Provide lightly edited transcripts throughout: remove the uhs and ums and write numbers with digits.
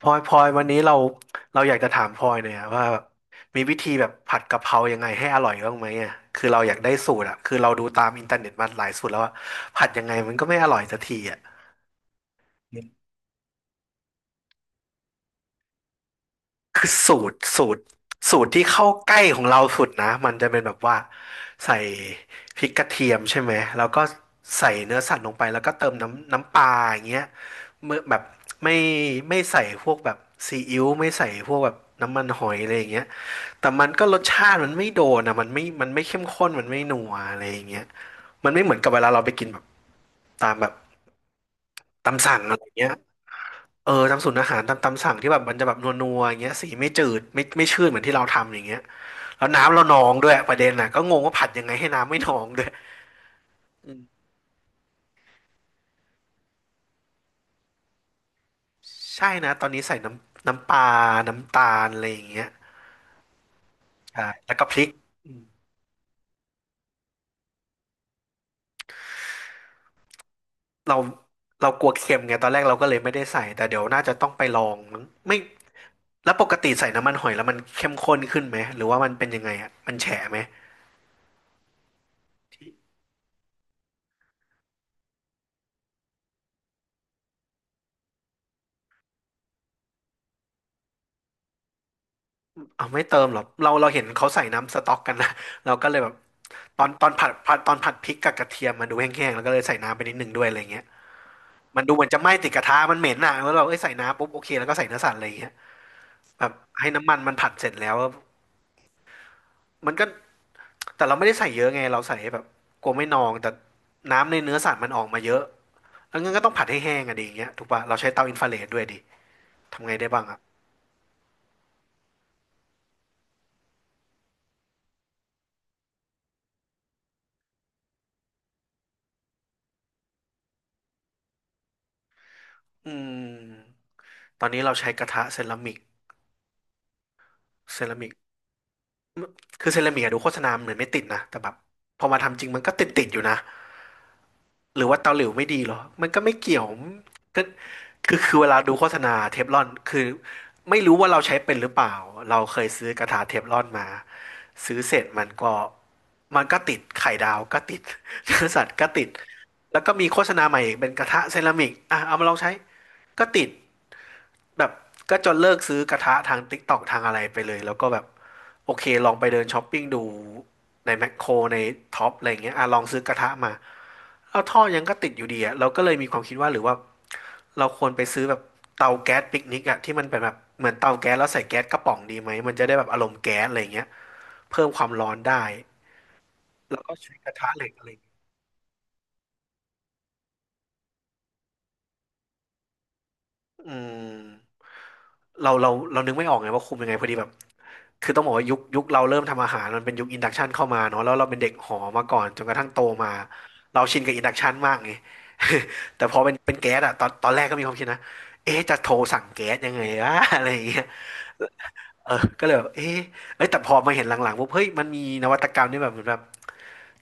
พลอยวันนี้เราอยากจะถามพลอยเนี่อยอะว่าแบบมีวิธีแบบผัดกะเพรายังไงให้อร่อยบ้างไหมอ่ะคือเราอยากได้สูตรอ่ะคือเราดูตามอินเทอร์เน็ตมาหลายสูตรแล้วว่าผัดยังไงมันก็ไม่อร่อยสักทีอ่ะ คือสูตรที่เข้าใกล้ของเราสุดนะมันจะเป็นแบบว่าใส่พริกกระเทียมใช่ไหมแล้วก็ใส่เนื้อสัตว์ลงไปแล้วก็เติมน้ำปลาอย่างเงี้ยเมื่อแบบไม่ไม่ใส่พวกแบบซีอิ๊วไม่ใส่พวกแบบน้ำมันหอยอะไรอย่างเงี้ยแต่มันก็รสชาติมันไม่โดนอ่ะมันไม่เข้มข้นมันไม่นัวอะไรอย่างเงี้ยมันไม่เหมือนกับเวลาเราไปกินแบบตามสั่งอะไรอย่างเงี้ย เออตามสูตรอาหารตามสั่งที่แบบมันจะแบบนัวๆอย่างเงี้ยสีไม่จืดไม่ชืดเหมือนที่เราทำอย่างเงี้ยแล้วน้ำเรานองด้วยประเด็นน่ะก็งงว่าผัดยังไงให้น้ำไม่นองด้วยอืมใช่นะตอนนี้ใส่น้ำปลาน้ำตาลอะไรอย่างเงี้ยใช่แล้วก็พริกอืมเราเรากลัวเค็มไงตอนแรกเราก็เลยไม่ได้ใส่แต่เดี๋ยวน่าจะต้องไปลองมั้งไม่แล้วปกติใส่น้ำมันหอยแล้วมันเข้มข้นขึ้นไหมหรือว่ามันเป็นยังไงอ่ะมันแฉะไหม เอาไม่เติมหรอเราเห็นเขาใส่น้ำสต๊อกกันนะ เราก็เลยแบบตอนผัดพริกกับกระเทียมมันดูแห้งๆแล้วก็เลยใส่น้ำไปนิดนึงด้วยอะไรเงี้ยมันดูเหมือนจะไหม้ติดกระทะมันเหม็นอ่ะแล้วเราเอ้ยใส่น้ำปุ๊บโอเคแล้วก็ใส่เนื้อสัตว์อะไรเงี้ยแบบให้น้ำมันมันผัดเสร็จแล้วมันก็แต่เราไม่ได้ใส่เยอะไงเราใส่แบบกลัวไม่นองแต่น้ำในเนื้อสัตว์มันออกมาเยอะแล้วงั้นก็ต้องผัดให้แห้งอะดีอย่างเงี้ยถูกปะเราใช้เตาอินฟราเรดด้วยดิทำไงได้บ้างอ่ะอืมตอนนี้เราใช้กระทะเซรามิก คือเซรามิกอะดูโฆษณาเหมือนไม่ติดนะแต่แบบพอมาทำจริงมันก็ติดอยู่นะหรือว่าเตาหลิวไม่ดีเหรอมันก็ไม่เกี่ยวก็คือเวลาดูโฆษณาเทฟลอนคือไม่รู้ว่าเราใช้เป็นหรือเปล่าเราเคยซื้อกระทะเทฟลอนมาซื้อเสร็จมันก็ติดไข่ดาวก็ติดเนื้อสัตว์ก็ติดแล้วก็มีโฆษณาใหม่อีกเป็นกระทะเซรามิกอ่ะเอามาลองใช้ก็ติด แบบก็จนเลิกซื้อกระทะทาง TikTok ทางอะไรไปเลยแล้วก็แบบโอเคลองไปเดินช้อปปิ้งดูในแมคโครในท็อปอะไรเงี้ยอ่ะลองซื้อกระทะมาแล้วท่อยังก็ติดอยู่ดีอ่ะเราก็เลยมีความคิดว่าหรือว่าเราควรไปซื้อแบบเตาแก๊สปิกนิกอ่ะที่มันเป็นแบบเหมือนเตาแก๊สแล้วใส่แก๊สกระป๋องดีไหมมันจะได้แบบอารมณ์แก๊สอะไรเงี้ยเพิ่มความร้อนได้แล้วก็ใช้กระทะเหล็กอะไรเงี้ยอืม เรานึกไม่ออกไงว่าคุมยังไงพอดีแบบคือต้องบอกว่ายุคเราเริ่มทำอาหารมันเป็นยุคอินดักชันเข้ามาเนาะแล้วเราเป็นเด็กหอมาก่อนจนกระทั่งโตมาเราชินกับอินดักชันมากไง แต่พอเป็นแก๊สอะตอนแรกก็มีความคิดนะเอ๊ะจะโทรสั่งแก๊สยังไงวะ อะไรอย่างเงี้ยเออก็เลยแบบเอ๊ะเอ้ยแต่พอมาเห็นหลังๆปุ๊บเฮ้ยมันมีนวัตกรรมนี่แบบเหมือนแบบ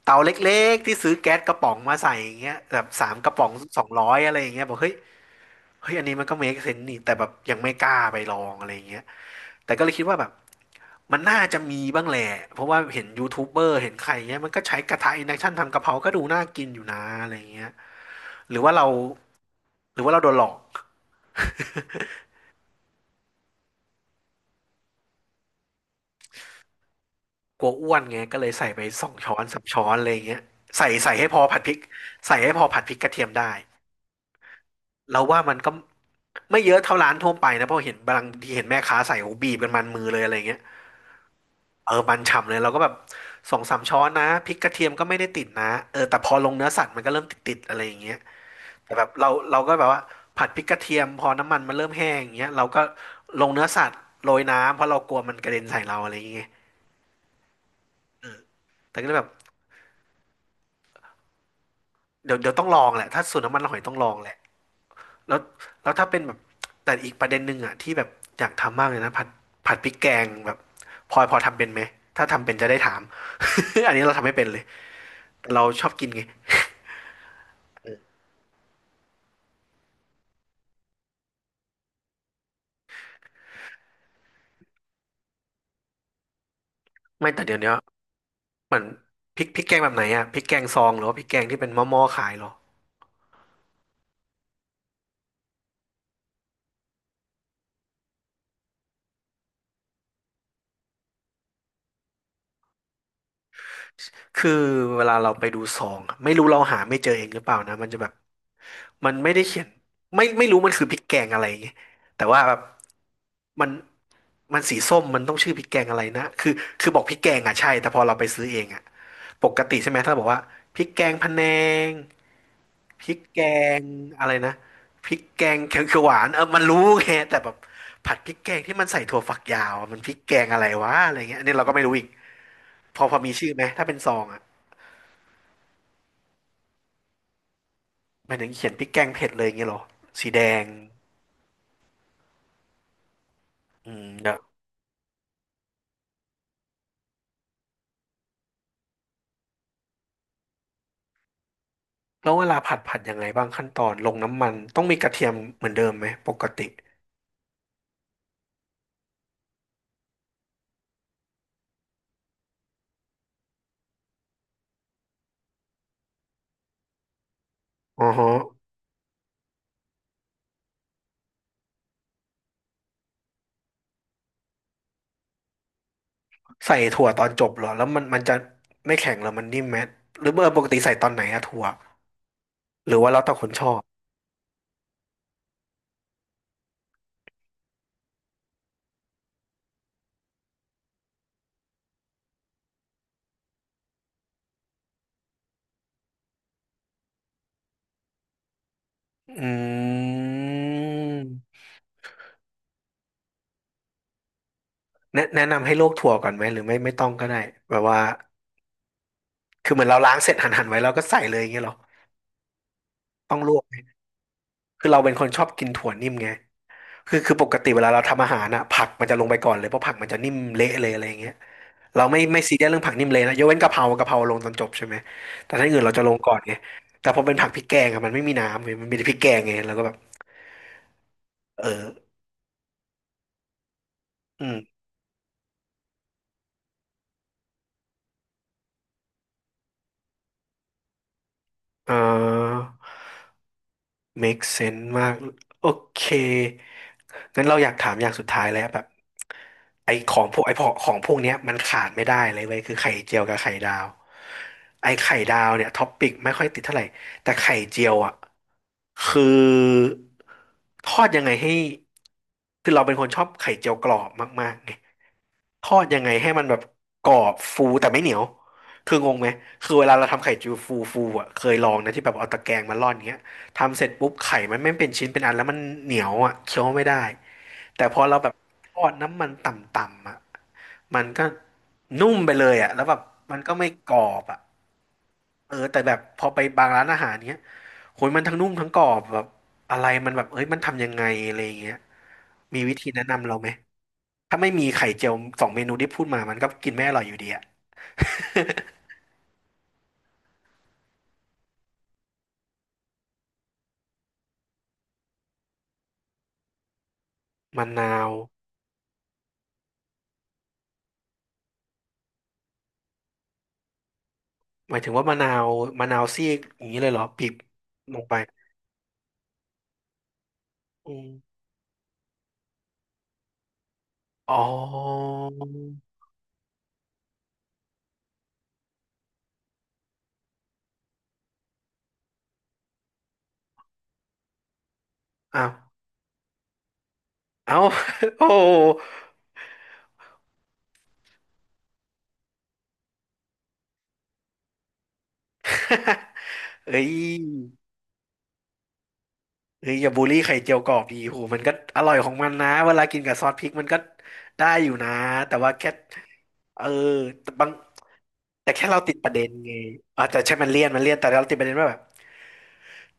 เตาเล็กๆที่ซื้อแก๊สกระป๋องมาใส่อย่างเงี้ยแบบ3 กระป๋อง200อะไรอย่างเงี้ยบอกเฮ้ยอันนี้มันก็เมคเซนส์นี่แต่แบบยังไม่กล้าไปลองอะไรอย่างเงี้ยแต่ก็เลยคิดว่าแบบ มันน่าจะมีบ้างแหละ เพราะว่าเห็นยูทูบเบอร์เห็นใครเงี้ยมันก็ใช้กระทะอินดักชันทำกะเพราก็ดูน่ากินอยู่นะอะไรเงี้ยหรือว่าเราหรือว่าเราโดนหลอกกลัวอ้วนไงก็เลยใส่ไปสองช้อนสามช้อนอะไรเงี้ยใส่ให้พอผัดพริกใส่ให้พอผัดพริกกระเทียมได้เราว่ามันก็ไม่เยอะเท่าร้านทั่วไปนะเพราะเห็นบางทีเห็นแม่ค้าใส่โอ้บีบกันมันมือเลยอะไรเงี้ยเออมันฉ่ำเลยเราก็แบบสองสามช้อนนะพริกกระเทียมก็ไม่ได้ติดนะเออแต่พอลงเนื้อสัตว์มันก็เริ่มติดๆอะไรอย่างเงี้ย แต่แบบเราก็แบบว่าผัดพริกกระเทียมพอน้ำมันมันเริ่มแห้งอย่างเงี้ยเราก็ลงเนื้อสัตว์โรยน้ำเพราะเรากลัวมันกระเด็นใส่เราอะไรอย่างเงี้ยแต่ก็เลยแบบเดี๋ยวต้องลองแหละถ้าสูตรน้ำมันหอยต้องลองแหละแล้วแล้วถ้าเป็นแบบแต่อีกประเด็นหนึ่งอ่ะที่แบบอยากทำมากเลยนะผัดพริกแกงแบบพลอยพอทำเป็นไหมถ้าทำเป็นจะได้ถาม อันนี้เราทำไม่เป็นเลยเราชอบกินไงไม่แต่เดี๋ยวเนี้ยเหมือนพริกแกงแบบไหนอ่ะพริกแกงซองหรือว่าพริกแกงที่เป็นหม้อๆขายเหรอ คือเวลาเราไปดูซองอะไม่รู้เราหาไม่เจอเองหรือเปล่านะมันจะแบบมันไม่ได้เขียนไม่รู้มันคือพริกแกงอะไรอย่างเงี้ยแต่ว่าแบบมันมันสีส้มมันต้องชื่อพริกแกงอะไรนะคือบอกพริกแกงอ่ะใช่แต่พอเราไปซื้อเองอ่ะปกติใช่ไหมถ้าเราบอกว่าพริกแกงพะแนงพริกแกงอะไรนะพริกแกงเขียวเขียวหวานเออมันรู้ไงแต่แบบผัดพริกแกงที่มันใส่ถั่วฝักยาวอะมันพริกแกงอะไรวะอะไรเงี้ยอันนี้เราก็ไม่รู้อีกพอมีชื่อไหมถ้าเป็นซองอ่ะ หมายถึงเขียนพริกแกงเผ็ดเลยอย่างเงี้ยเหรอสีแดงอืมเดี๋ยวแล้วเวลาผัดยังไงบ้างขั้นตอนลงน้ำมันต้องมีกระเทียมเหมือนเดิมไหมปกติอ๋อฮะใส่ถั่วตอนจบเหรอแล้วมันจะไม่แข็งเหรอมันนิ่มไหมหรือเมื่อปกติใส่ตอนไหนอะถั่วหรือว่าแล้วแต่คนชอบอืมแนะนำให้ลวกถั่วก่อนไหมหรือไม่ต้องก็ได้แบบว่าคือเหมือนเราล้างเสร็จหั่นไว้แล้วก็ใส่เลยอย่างเงี้ยเหรอต้องลวกไหมคือเราเป็นคนชอบกินถั่วนิ่มไง คือปกติเวลาเราทำอาหารอะผักมันจะลงไปก่อนเลยเพราะผักมันจะนิ่มเละเลยอะไรอย่างเงี้ยเราไม่ซีเรียสเรื่องผักนิ่มเละนะยกเว้นกะเพรากะเพราลงตอนจบใช่ไหมแต่ถ้าอย่างอื่นเราจะลงก่อนไงแต่พอเป็นผักพริกแกงอะมันไม่มีน้ำเว้ยมันมีแต่พริกแกงไงเราก็แบบเอออืมเอ่า make sense มากโอเคงั้นเราอยากถามอย่างสุดท้ายแล้วแบบไอของพวกไอพอของพวกเนี้ยมันขาดไม่ได้เลยเว้ยคือไข่เจียวกับไข่ดาวไอไข่ดาวเนี่ยท็อปปิกไม่ค่อยติดเท่าไหร่แต่ไข่เจียวอ่ะคือทอดยังไงให้คือเราเป็นคนชอบไข่เจียวกรอบมากๆไง ทอดยังไงให้มันแบบกรอบฟูแต่ไม่เหนียวคืองงไหมคือเวลาเราทำไข่จุยฟูฟูอ่ะเคยลองนะที่แบบเอาตะแกรงมาร่อนเงี้ยทำเสร็จปุ๊บไข่มันไม่เป็นชิ้นเป็นอันแล้วมันเหนียวอ่ะเคี้ยวไม่ได้แต่พอเราแบบทอดน้ำมันต่ำๆอ่ะมันก็นุ่มไปเลยอ่ะแล้วแบบมันก็ไม่กรอบอ่ะเออแต่แบบพอไปบางร้านอาหารเนี้ยโหยมันทั้งนุ่มทั้งกรอบแบบอะไรมันแบบเอ้ยมันทำยังไงอะไรอย่างเงี้ยมีวิธีแนะนำเราไหม ถ้าไม่มีไข่เจียวสองเมนูที่พูดมามันก็กินไม่อร่อยอยู่ดีอะ มะนาวหมายถึงว่ามะนาวมะนาวซีกอย่างนี้เลยเหรอบีบลงไปอืมอ๋ออ้าวเอา โอ้ เอ้ยเอ้ยอย่าบูลลี่ไข่เจียวกรอบดีโหมันก็อร่อยของมันนะเวลากินกับซอสพริกมันก็ได้อยู่นะแต่ว่าแค่เออแต่บางแต่แค่เราติดประเด็นไงอ่าแต่ใช่มันเลี่ยนมันเลี่ยนแต่เราติดประเด็นว่าแบบ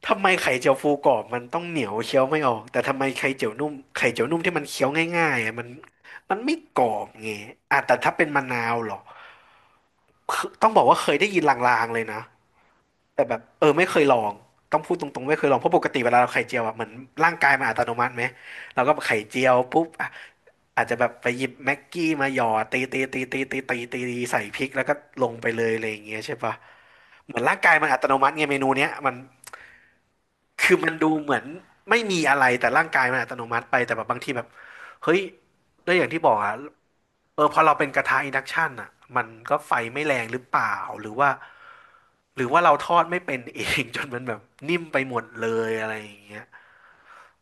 ทำไมไข่เจียวฟูกรอบมันต้องเหนียวเคี้ยวไม่ออกแต่ทำไมไข่เจียวนุ่มที่มันเคี้ยวง่ายๆอ่ะมันไม่กรอบไงอ่ะแต่ถ้าเป็นมะนาวเหรอคือต้องบอกว่าเคยได้ยินลางๆเลยนะแต่แบบเออไม่เคยลองต้องพูดตรงๆไม่เคยลองเพราะปกติเวลาเราไข่เจียวอะเหมือนร่างกายมันอัตโนมัติไหมเราก็ไข่เจียวปุ๊บอะอาจจะแบบไปหยิบแม็กกี้มาหยอดตีตีตีตีตีตีตีตีใส่พริกแล้วก็ลงไปเลยอะไรอย่างเงี้ยใช่ปะเหมือนร่างกายมันอัตโนมัติไงเมนูเนี้ยมัน คือมันดูเหมือนไม่มีอะไรแต่ร่างกายมันอัตโนมัติไปแต่แบบบางทีแบบเฮ้ยด้วยอย่างที่บอกอ่ะเออพอเราเป็นกระทะอินดักชันอ่ะมันก็ไฟไม่แรงหรือเปล่าหรือว่าหรือว่าเราทอดไม่เป็นเอง จนมันแบบนิ่มไปหมดเลยอะไรอย่างเงี้ย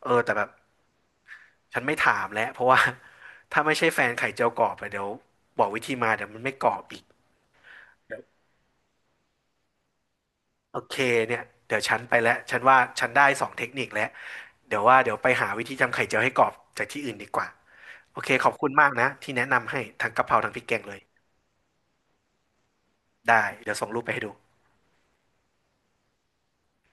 เออแต่แบบฉันไม่ถามแล้วเพราะว่า ถ้าไม่ใช่แฟนไข่เจียวกรอบอะเดี๋ยวบอกวิธีมาเดี๋ยวมันไม่กรอบอีก โอเคเนี่ยเดี๋ยวฉันไปแล้วฉันว่าฉันได้สองเทคนิคแล้วเดี๋ยวว่าเดี๋ยวไปหาวิธีทำไข่เจียวให้กรอบจากที่อื่นดีกว่าโอเคขอบคุณมากนะที่แนะนำให้ทั้งกะเพราทั้งพริกแกงเลยได้เดี๋ยวส่งรูปไปให้ดู